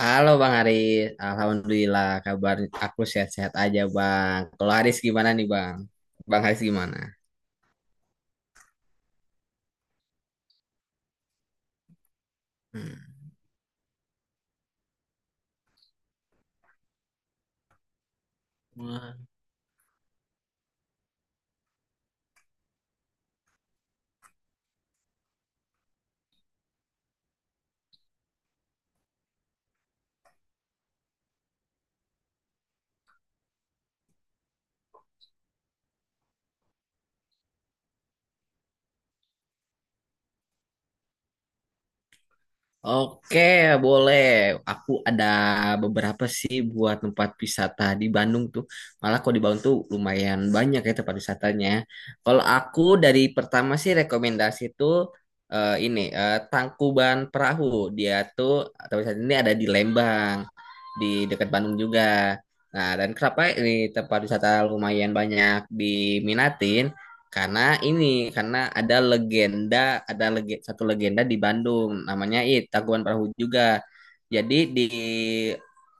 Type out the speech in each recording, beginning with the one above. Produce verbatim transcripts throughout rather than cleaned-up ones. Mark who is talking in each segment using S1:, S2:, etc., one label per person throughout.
S1: Halo Bang Haris, Alhamdulillah kabar aku sehat-sehat aja Bang. Kalau Haris gimana nih Bang? Bang Haris gimana? Hmm. Oke, boleh. Aku ada beberapa sih buat tempat wisata di Bandung tuh. Malah kalau di Bandung tuh lumayan banyak ya tempat wisatanya. Kalau aku dari pertama sih rekomendasi tuh eh, ini eh, Tangkuban Perahu. Dia tuh tempat wisata ini ada di Lembang, di dekat Bandung juga. Nah, dan kenapa ini tempat wisata lumayan banyak diminatin? Karena ini, karena ada legenda, ada lege, satu legenda di Bandung, namanya itu Tangkuban Perahu juga. Jadi di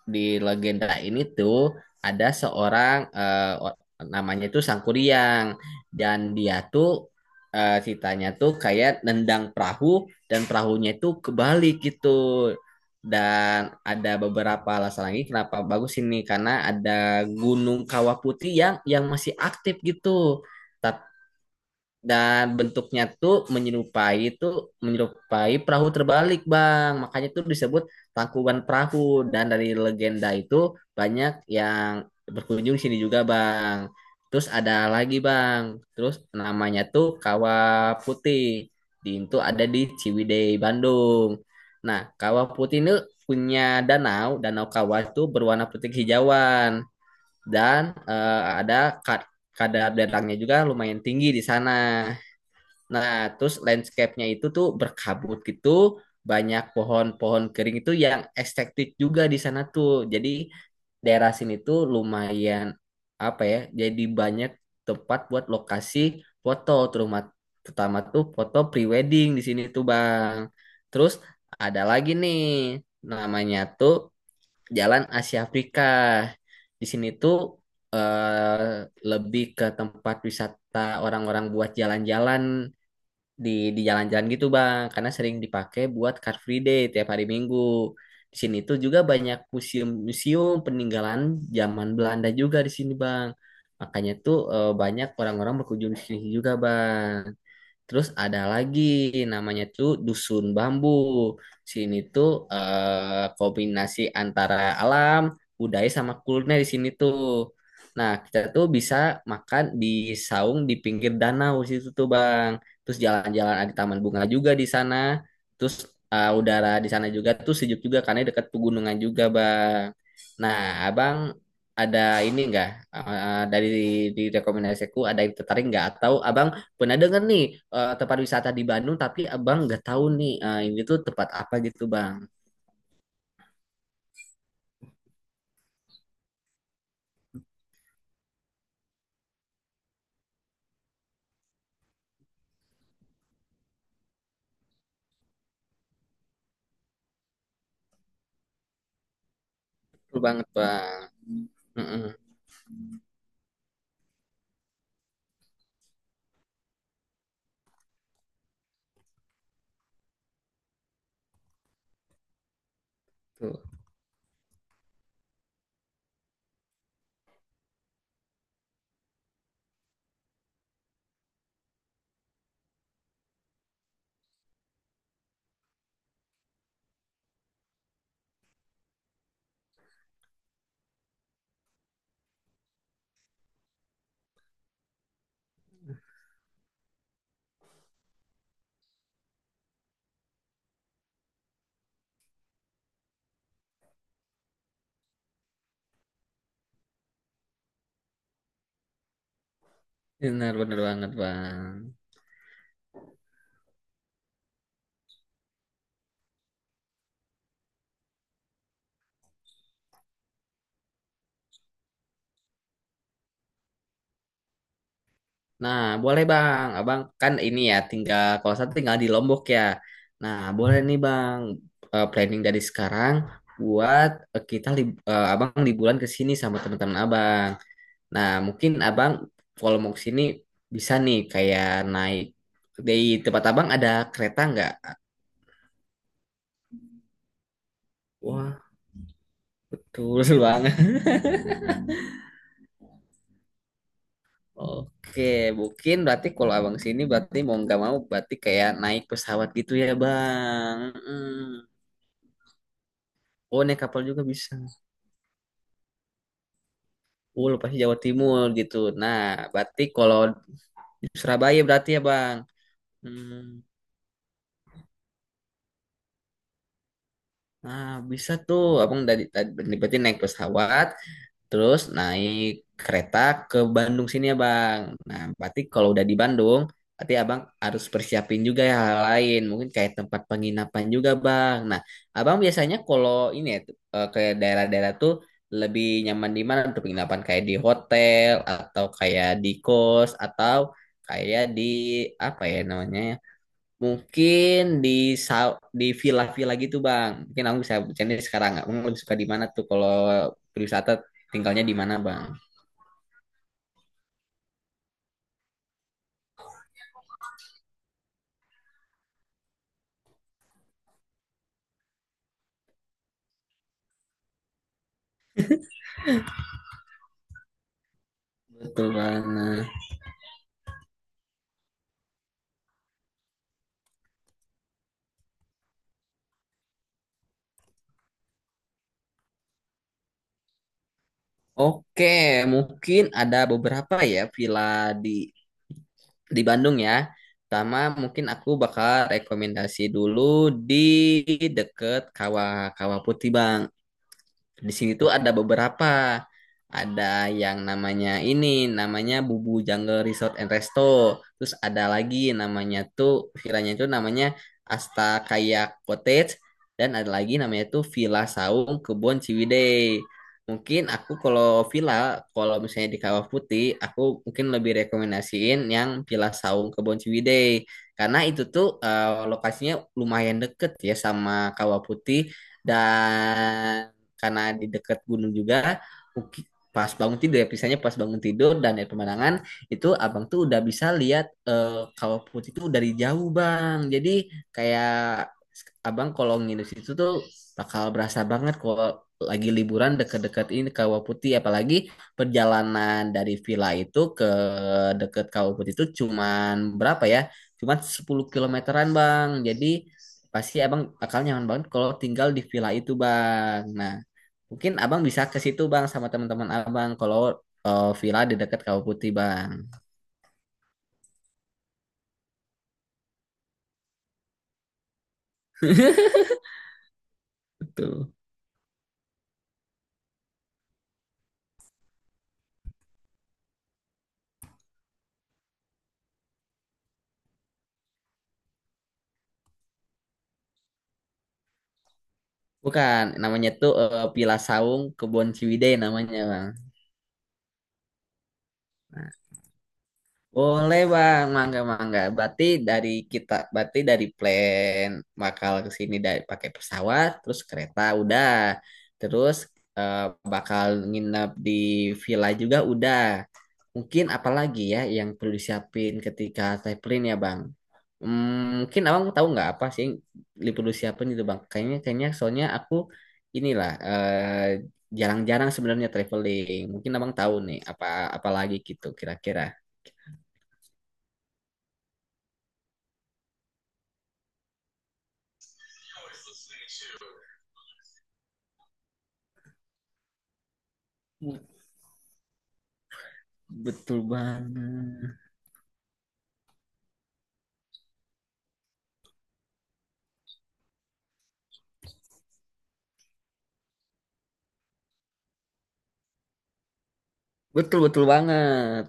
S1: di legenda ini tuh ada seorang eh, o- namanya tuh Sangkuriang, dan dia tuh eh, ceritanya tuh kayak nendang perahu dan perahunya itu kebalik gitu. Dan ada beberapa alasan lagi kenapa bagus ini karena ada Gunung Kawah Putih yang yang masih aktif gitu. Tapi dan bentuknya tuh menyerupai tuh menyerupai perahu terbalik, Bang. Makanya tuh disebut Tangkuban Perahu, dan dari legenda itu banyak yang berkunjung sini juga, Bang. Terus ada lagi, Bang. Terus namanya tuh Kawah Putih, di itu ada di Ciwidey Bandung. Nah, Kawah Putih ini punya danau, danau kawah itu berwarna putih hijauan. Dan eh, ada kad kadar datangnya juga lumayan tinggi di sana. Nah, terus landscape-nya itu tuh berkabut gitu, banyak pohon-pohon kering itu yang estetik juga di sana tuh. Jadi daerah sini tuh lumayan, apa ya? Jadi banyak tempat buat lokasi foto, terutama pertama tuh foto pre-wedding di sini tuh, Bang. Terus ada lagi nih, namanya tuh Jalan Asia Afrika. Di sini tuh eh, lebih ke tempat wisata orang-orang buat jalan-jalan di di jalan-jalan gitu, Bang, karena sering dipakai buat Car Free Day tiap hari Minggu. Di sini tuh juga banyak museum-museum peninggalan zaman Belanda juga di sini, Bang. Makanya tuh eh, banyak orang-orang berkunjung di sini juga, Bang. Terus ada lagi namanya tuh Dusun Bambu. Sini tuh eh, kombinasi antara alam, budaya sama kuliner di sini tuh. Nah, kita tuh bisa makan di saung di pinggir danau situ tuh, Bang. Terus jalan-jalan ada taman bunga juga di sana. Terus eh, udara di sana juga tuh sejuk juga karena dekat pegunungan juga, Bang. Nah, Abang ada ini enggak, dari dari rekomendasiku ada yang tertarik nggak, atau Abang pernah denger nih eh, tempat wisata di Bandung, tapi abang nggak tahu nih eh, ini tuh tempat apa gitu, Bang? Betul banget, Bang. Mm-mm, tuh. Bener bener banget, Bang. Nah, boleh, Bang, abang kan ini ya tinggal, kalau saya tinggal di Lombok ya. Nah, boleh nih, Bang, eh, planning dari sekarang buat eh, kita lib eh, abang liburan ke sini sama teman-teman abang. Nah, mungkin abang kalau mau ke sini bisa nih kayak naik. Di tempat abang ada kereta nggak? Betul banget. Oke, mungkin berarti kalau abang sini berarti mau nggak mau berarti kayak naik pesawat gitu ya, Bang. Mm. Oh, naik kapal juga bisa. Oh, lu pasti Jawa Timur gitu. Nah, berarti kalau di Surabaya berarti ya, Bang. Hmm. Nah, bisa tuh abang dari tadi berarti naik pesawat. Terus naik kereta ke Bandung sini ya, Bang. Nah, berarti kalau udah di Bandung, berarti Abang harus persiapin juga ya hal lain. Mungkin kayak tempat penginapan juga, Bang. Nah, Abang biasanya kalau ini ya, eh, ke daerah-daerah tuh lebih nyaman di mana untuk penginapan? Kayak di hotel, atau kayak di kos, atau kayak di apa ya namanya? Mungkin di sa- di villa-villa gitu, Bang. Mungkin aku bisa bercanda sekarang, nggak Abang lebih suka di mana tuh kalau berwisata tinggalnya di mana, Bang? Betul banget. Oke, mungkin ada beberapa ya villa di di Bandung ya. Pertama mungkin aku bakal rekomendasi dulu di deket Kawah Kawah Putih, Bang. Di sini tuh ada beberapa. Ada yang namanya ini, namanya Bubu Jungle Resort and Resto. Terus ada lagi namanya tuh villanya itu namanya Asta Kayak Cottage, dan ada lagi namanya tuh Villa Saung Kebon Ciwidey. Mungkin aku kalau villa, kalau misalnya di Kawah Putih, aku mungkin lebih rekomendasiin yang Villa Saung Kebon Ciwidey. Karena itu tuh eh, lokasinya lumayan deket ya sama Kawah Putih, dan karena di dekat gunung juga pas bangun tidur ya pisahnya pas bangun tidur dan dari pemandangan itu abang tuh udah bisa lihat eh, Kawah Putih itu dari jauh, Bang. Jadi kayak abang kalau nginep situ tuh bakal berasa banget kalau lagi liburan deket-deket ini Kawah Putih, apalagi perjalanan dari villa itu ke deket Kawah Putih itu cuman berapa ya, cuman sepuluh kilometeran, Bang. Jadi pasti abang bakal nyaman banget kalau tinggal di villa itu, Bang. Nah, mungkin abang bisa ke situ, Bang, sama teman-teman abang kalau eh, villa di dekat Kawah Putih, Bang. Betul. Bukan, namanya tuh eh, Villa Saung Kebon Ciwidey namanya, Bang. Boleh, Bang, mangga mangga. Berarti dari kita, berarti dari plan bakal ke sini dari pakai pesawat, terus kereta udah, terus eh, bakal nginep di villa juga udah. Mungkin apalagi ya yang perlu disiapin ketika traveling ya, Bang? Hmm, mungkin abang tahu nggak apa sih liposuction apa gitu, Bang? Kayaknya kayaknya soalnya aku inilah eh, jarang-jarang sebenarnya traveling. Mungkin abang tahu nih apa apa lagi gitu kira-kira. Betul banget. Betul betul banget.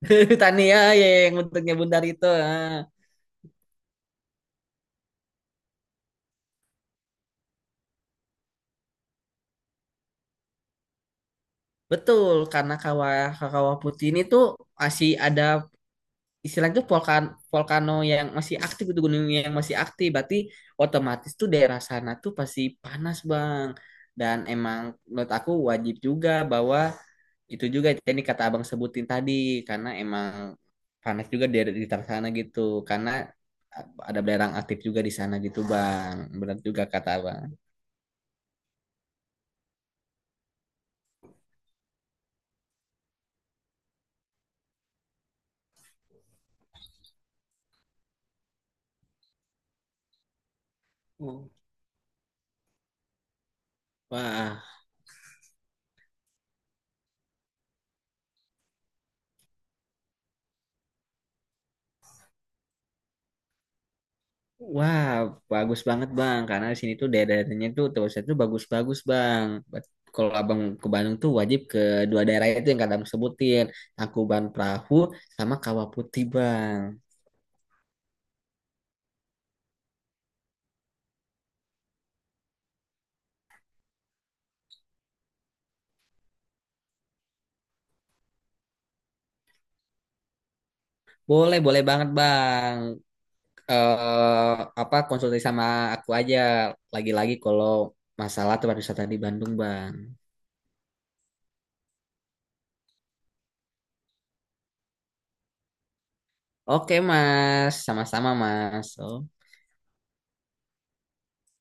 S1: Tania ya ya, yang bentuknya bundar itu. Ah. Betul, karena kawah kawah putih ini tuh masih ada istilahnya tuh volkan volcano yang masih aktif, itu gunung yang masih aktif berarti otomatis tuh daerah sana tuh pasti panas, Bang. Dan emang menurut aku wajib juga bahwa itu juga ini kata abang sebutin tadi, karena emang panas juga di di daerah sana gitu karena ada belerang aktif juga di sana gitu, Bang. Benar juga kata abang. Oh. wah Wah, bagus banget, Bang, karena di sini tuh daerah-daerahnya tuh terusnya tuh bagus-bagus, Bang. Bat- Kalau Abang ke Bandung tuh wajib ke dua daerah itu yang kadang sebutin, Tangkuban Perahu sama Kawah Putih, Bang. Boleh, boleh banget, Bang. Eh apa konsultasi sama aku aja lagi-lagi kalau masalah tempat wisata di Bandung, Bang. Oke Mas, sama-sama Mas.